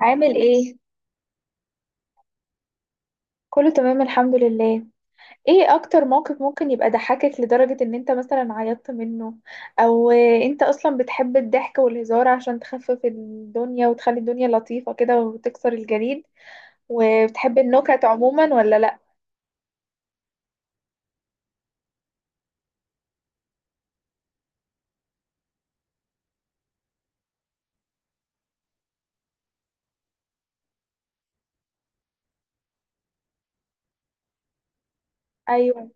عامل ايه؟ كله تمام، الحمد لله. ايه اكتر موقف ممكن يبقى ضحكك لدرجة ان انت مثلا عيطت منه، او انت اصلا بتحب الضحك والهزار عشان تخفف الدنيا وتخلي الدنيا لطيفة كده وتكسر الجليد وبتحب النكت عموما ولا لا؟ ايوه،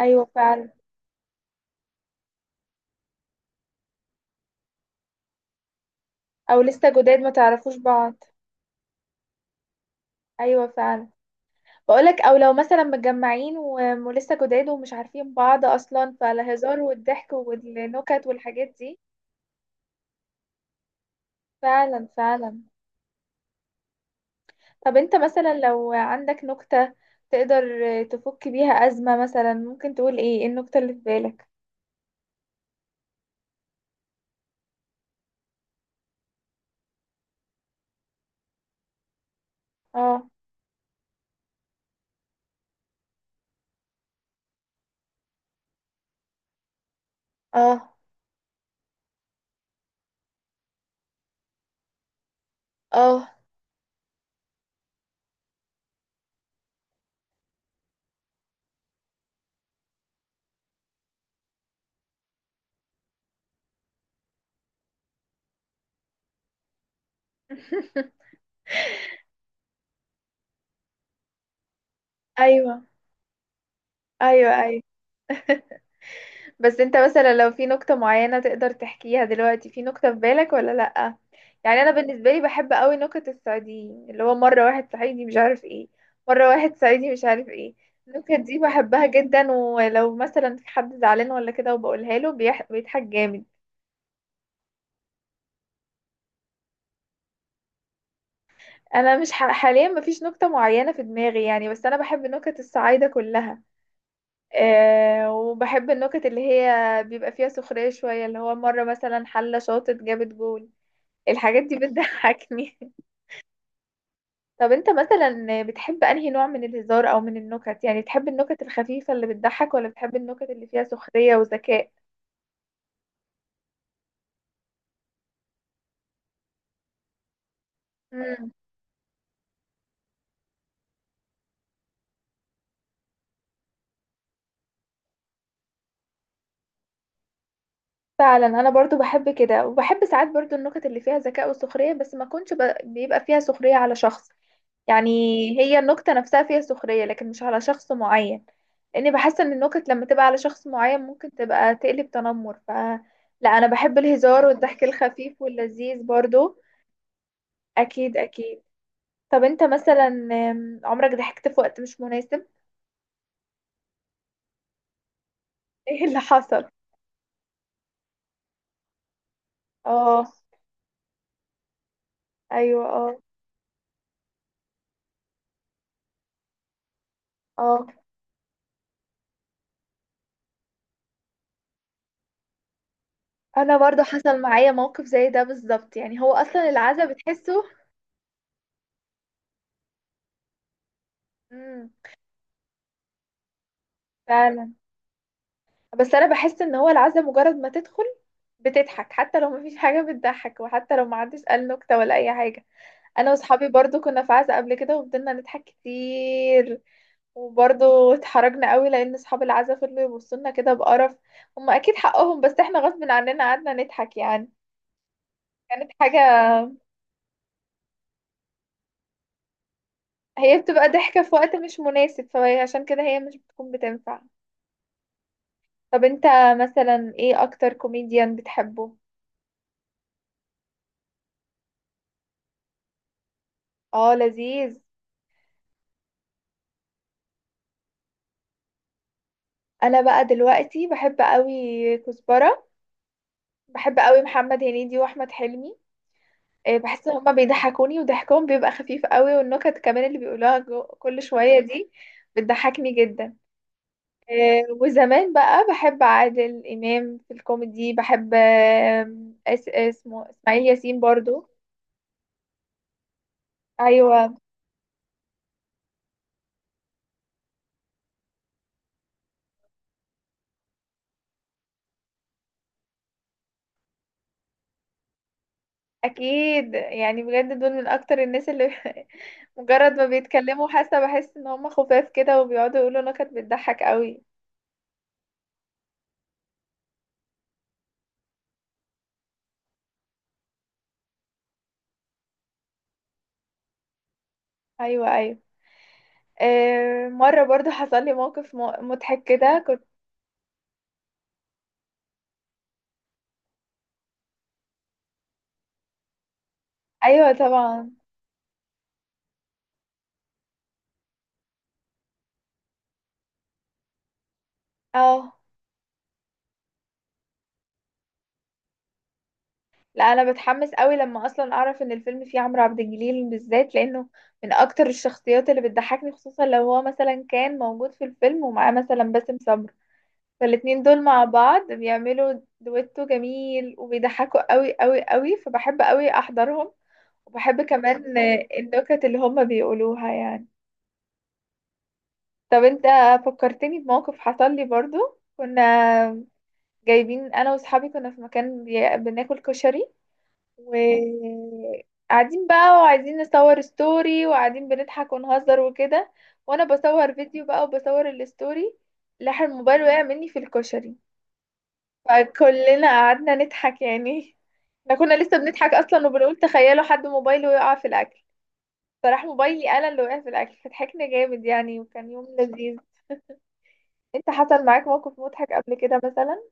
ايوه فعلا. او لسه جداد ما تعرفوش بعض. ايوه فعلا. بقولك، او لو مثلا متجمعين ولسه جداد ومش عارفين بعض اصلا، فالهزار والضحك والنكت والحاجات دي. فعلا، فعلا. طب انت مثلا لو عندك نكتة تقدر تفك بيها أزمة، مثلا ممكن تقول ايه؟ ايه النكتة اللي في بالك؟ اه، اه، اه. ايوه، ايوه، ايوه. بس انت مثلا لو في نكتة معينة تقدر تحكيها دلوقتي؟ في نكتة في بالك ولا لأ؟ يعني انا بالنسبة لي بحب قوي نكت الصعيديين، اللي هو مرة واحد صعيدي مش عارف ايه، مرة واحد صعيدي مش عارف ايه. النكت دي بحبها جدا، ولو مثلا في حد زعلان ولا كده وبقولها له بيح... بيضحك جامد. انا مش حاليا مفيش نكتة معينة في دماغي يعني، بس انا بحب نكت الصعايدة كلها. أه، وبحب النكت اللي هي بيبقى فيها سخرية شوية، اللي هو مرة مثلا حلة شاطت جابت جول. الحاجات دي بتضحكني. طب انت مثلا بتحب انهي نوع من الهزار او من النكت؟ يعني بتحب النكت الخفيفة اللي بتضحك، ولا بتحب النكت اللي فيها سخرية وذكاء؟ مم. فعلا، انا برضو بحب كده، وبحب ساعات برضو النكت اللي فيها ذكاء وسخرية، بس ما كنتش ب... بيبقى فيها سخرية على شخص يعني. هي النكتة نفسها فيها سخرية، لكن مش على شخص معين، لأني بحس إن النكت لما تبقى على شخص معين ممكن تبقى تقلب تنمر، ف لا، أنا بحب الهزار والضحك الخفيف واللذيذ برضو. أكيد، أكيد. طب أنت مثلا، عمرك ضحكت في وقت مش مناسب؟ إيه اللي حصل؟ اه. أيوه، اه. اه، أنا برضو حصل معايا موقف زي ده بالظبط، يعني هو أصلا العزا بتحسه. مم. فعلا. بس أنا بحس إن هو العزا مجرد ما تدخل بتضحك، حتى لو مفيش حاجة بتضحك، وحتى لو محدش قال نكتة ولا أي حاجة. أنا وصحابي برضو كنا في عزا قبل كده وفضلنا نضحك كتير، وبرضو اتحرجنا قوي لأن أصحاب العزا فضلوا يبصولنا كده بقرف. هما أكيد حقهم، بس احنا غصب عننا قعدنا نضحك يعني. كانت حاجة، هي بتبقى ضحكة في وقت مش مناسب، فعشان كده هي مش بتكون بتنفع. طب انت مثلا ايه أكتر كوميديان بتحبه؟ اه، لذيذ. أنا بقى دلوقتي بحب قوي كزبرة، بحب قوي محمد هنيدي واحمد حلمي. بحس ان هما بيضحكوني وضحكهم بيبقى خفيف قوي، والنكت كمان اللي بيقولوها كل شوية دي بتضحكني جدا. وزمان بقى بحب عادل امام في الكوميدي، بحب آم، اس اسمه اسماعيل ياسين برضو. ايوه، اكيد يعني، بجد دول من اكتر الناس اللي مجرد ما بيتكلموا حاسه، بحس ان هم خفاف كده وبيقعدوا يقولوا نكت بتضحك قوي. ايوه، ايوه. مرة برضو حصل لي موقف مضحك كده، كنت... أيوة، طبعا. اه. لا، أنا بتحمس قوي لما أصلا أعرف إن الفيلم فيه عمرو عبد الجليل بالذات، لأنه من أكتر الشخصيات اللي بتضحكني، خصوصا لو هو مثلا كان موجود في الفيلم ومعاه مثلا باسم سمرة. فالاتنين دول مع بعض بيعملوا دويتو جميل وبيضحكوا قوي قوي قوي، فبحب قوي أحضرهم. وبحب كمان النكت اللي هما بيقولوها يعني. طب انت، فكرتني بموقف حصل لي برضو. كنا جايبين، انا واصحابي كنا في مكان بناكل كشري، وقاعدين بقى وعايزين نصور ستوري، وقاعدين بنضحك ونهزر وكده، وانا بصور فيديو بقى وبصور الستوري، لاح الموبايل وقع مني في الكشري. فكلنا قعدنا نضحك يعني. احنا كنا لسه بنضحك اصلا وبنقول تخيلوا حد موبايله يقع في الاكل، فراح موبايلي انا اللي وقع في الاكل، فضحكنا جامد يعني وكان يوم لذيذ. انت حصل معاك موقف مضحك قبل كده مثلا؟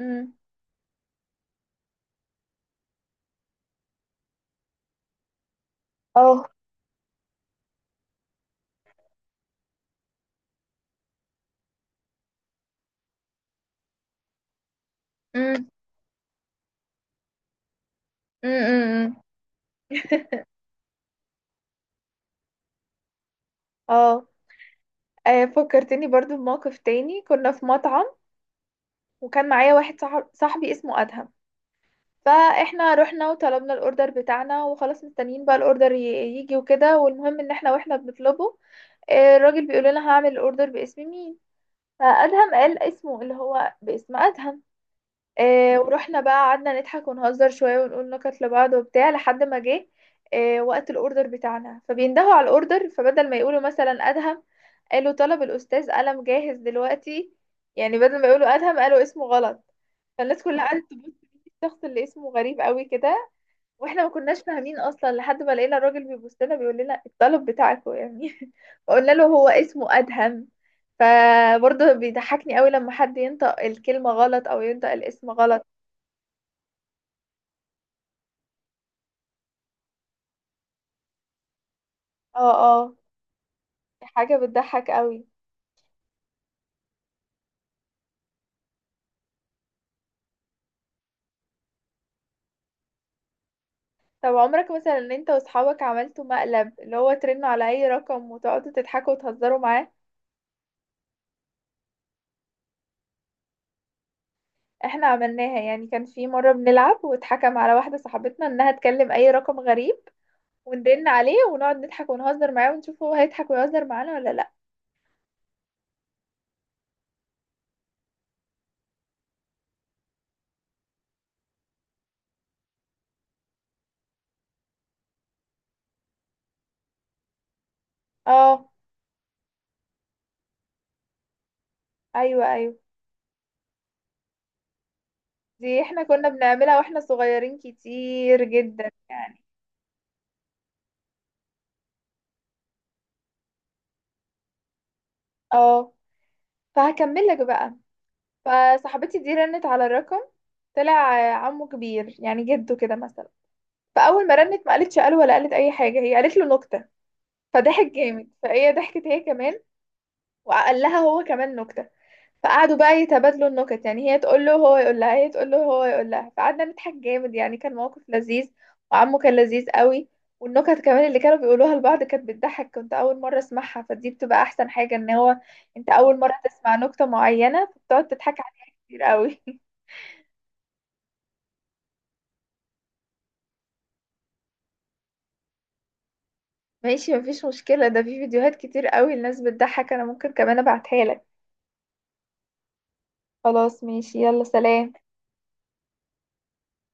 امم. اه. امم. اه. فكرتني برضو بموقف تاني. كنا في مطعم، وكان معايا واحد صاحب صاحبي اسمه أدهم. فاحنا رحنا وطلبنا الاوردر بتاعنا وخلاص، مستنيين بقى الاوردر يجي وكده. والمهم ان احنا واحنا بنطلبه، الراجل بيقول لنا هعمل الاوردر باسم مين؟ فأدهم قال اسمه اللي هو، باسم أدهم. ورحنا بقى قعدنا نضحك ونهزر شوية ونقول نكت لبعض وبتاع، لحد ما جه وقت الاوردر بتاعنا، فبيندهوا على الاوردر، فبدل ما يقولوا مثلا أدهم، قالوا طلب الأستاذ قلم جاهز دلوقتي. يعني بدل ما يقولوا أدهم قالوا اسمه غلط. فالناس كلها قعدت تبص مين الشخص اللي اسمه غريب قوي كده، واحنا ما كناش فاهمين اصلا، لحد ما لقينا الراجل بيبص لنا بيقول لنا الطلب بتاعكم يعني. فقلنا له هو اسمه أدهم. فبرضه بيضحكني قوي لما حد ينطق الكلمة غلط او ينطق الاسم غلط. اه. اه. حاجة بتضحك قوي. طب عمرك مثلا ان انت واصحابك عملتوا مقلب اللي هو ترنوا على اي رقم وتقعدوا تضحكوا وتهزروا معاه؟ احنا عملناها يعني. كان في مرة بنلعب واتحكم على واحدة صاحبتنا انها تكلم اي رقم غريب وندن عليه ونقعد نضحك ونهزر معاه ونشوف هو هيضحك ويهزر معانا ولا لا. اه. ايوه، ايوه. دي احنا كنا بنعملها واحنا صغيرين كتير جدا يعني. اه. فهكمل لك بقى. فصاحبتي دي رنت على الرقم، طلع عمه كبير يعني، جده كده مثلا. فاول ما رنت ما قالتش الو ولا قالت اي حاجه، هي قالت له نكته. فضحك جامد، فهي ضحكت هي كمان، وقال لها هو كمان نكته. فقعدوا بقى يتبادلوا النكت يعني، هي تقول له، هو يقول لها، هي تقول له، هو يقول لها. فقعدنا نضحك جامد يعني، كان موقف لذيذ، وعمه كان لذيذ قوي. والنكت كمان اللي كانوا بيقولوها لبعض كانت بتضحك، كنت اول مره اسمعها. فدي بتبقى احسن حاجه ان هو انت اول مره تسمع نكته معينه، فبتقعد تضحك عليها كتير قوي. ماشي، مفيش مشكله. ده في فيديوهات كتير قوي الناس بتضحك، انا ممكن كمان ابعتها لك. خلاص، ماشي، يلا سلام.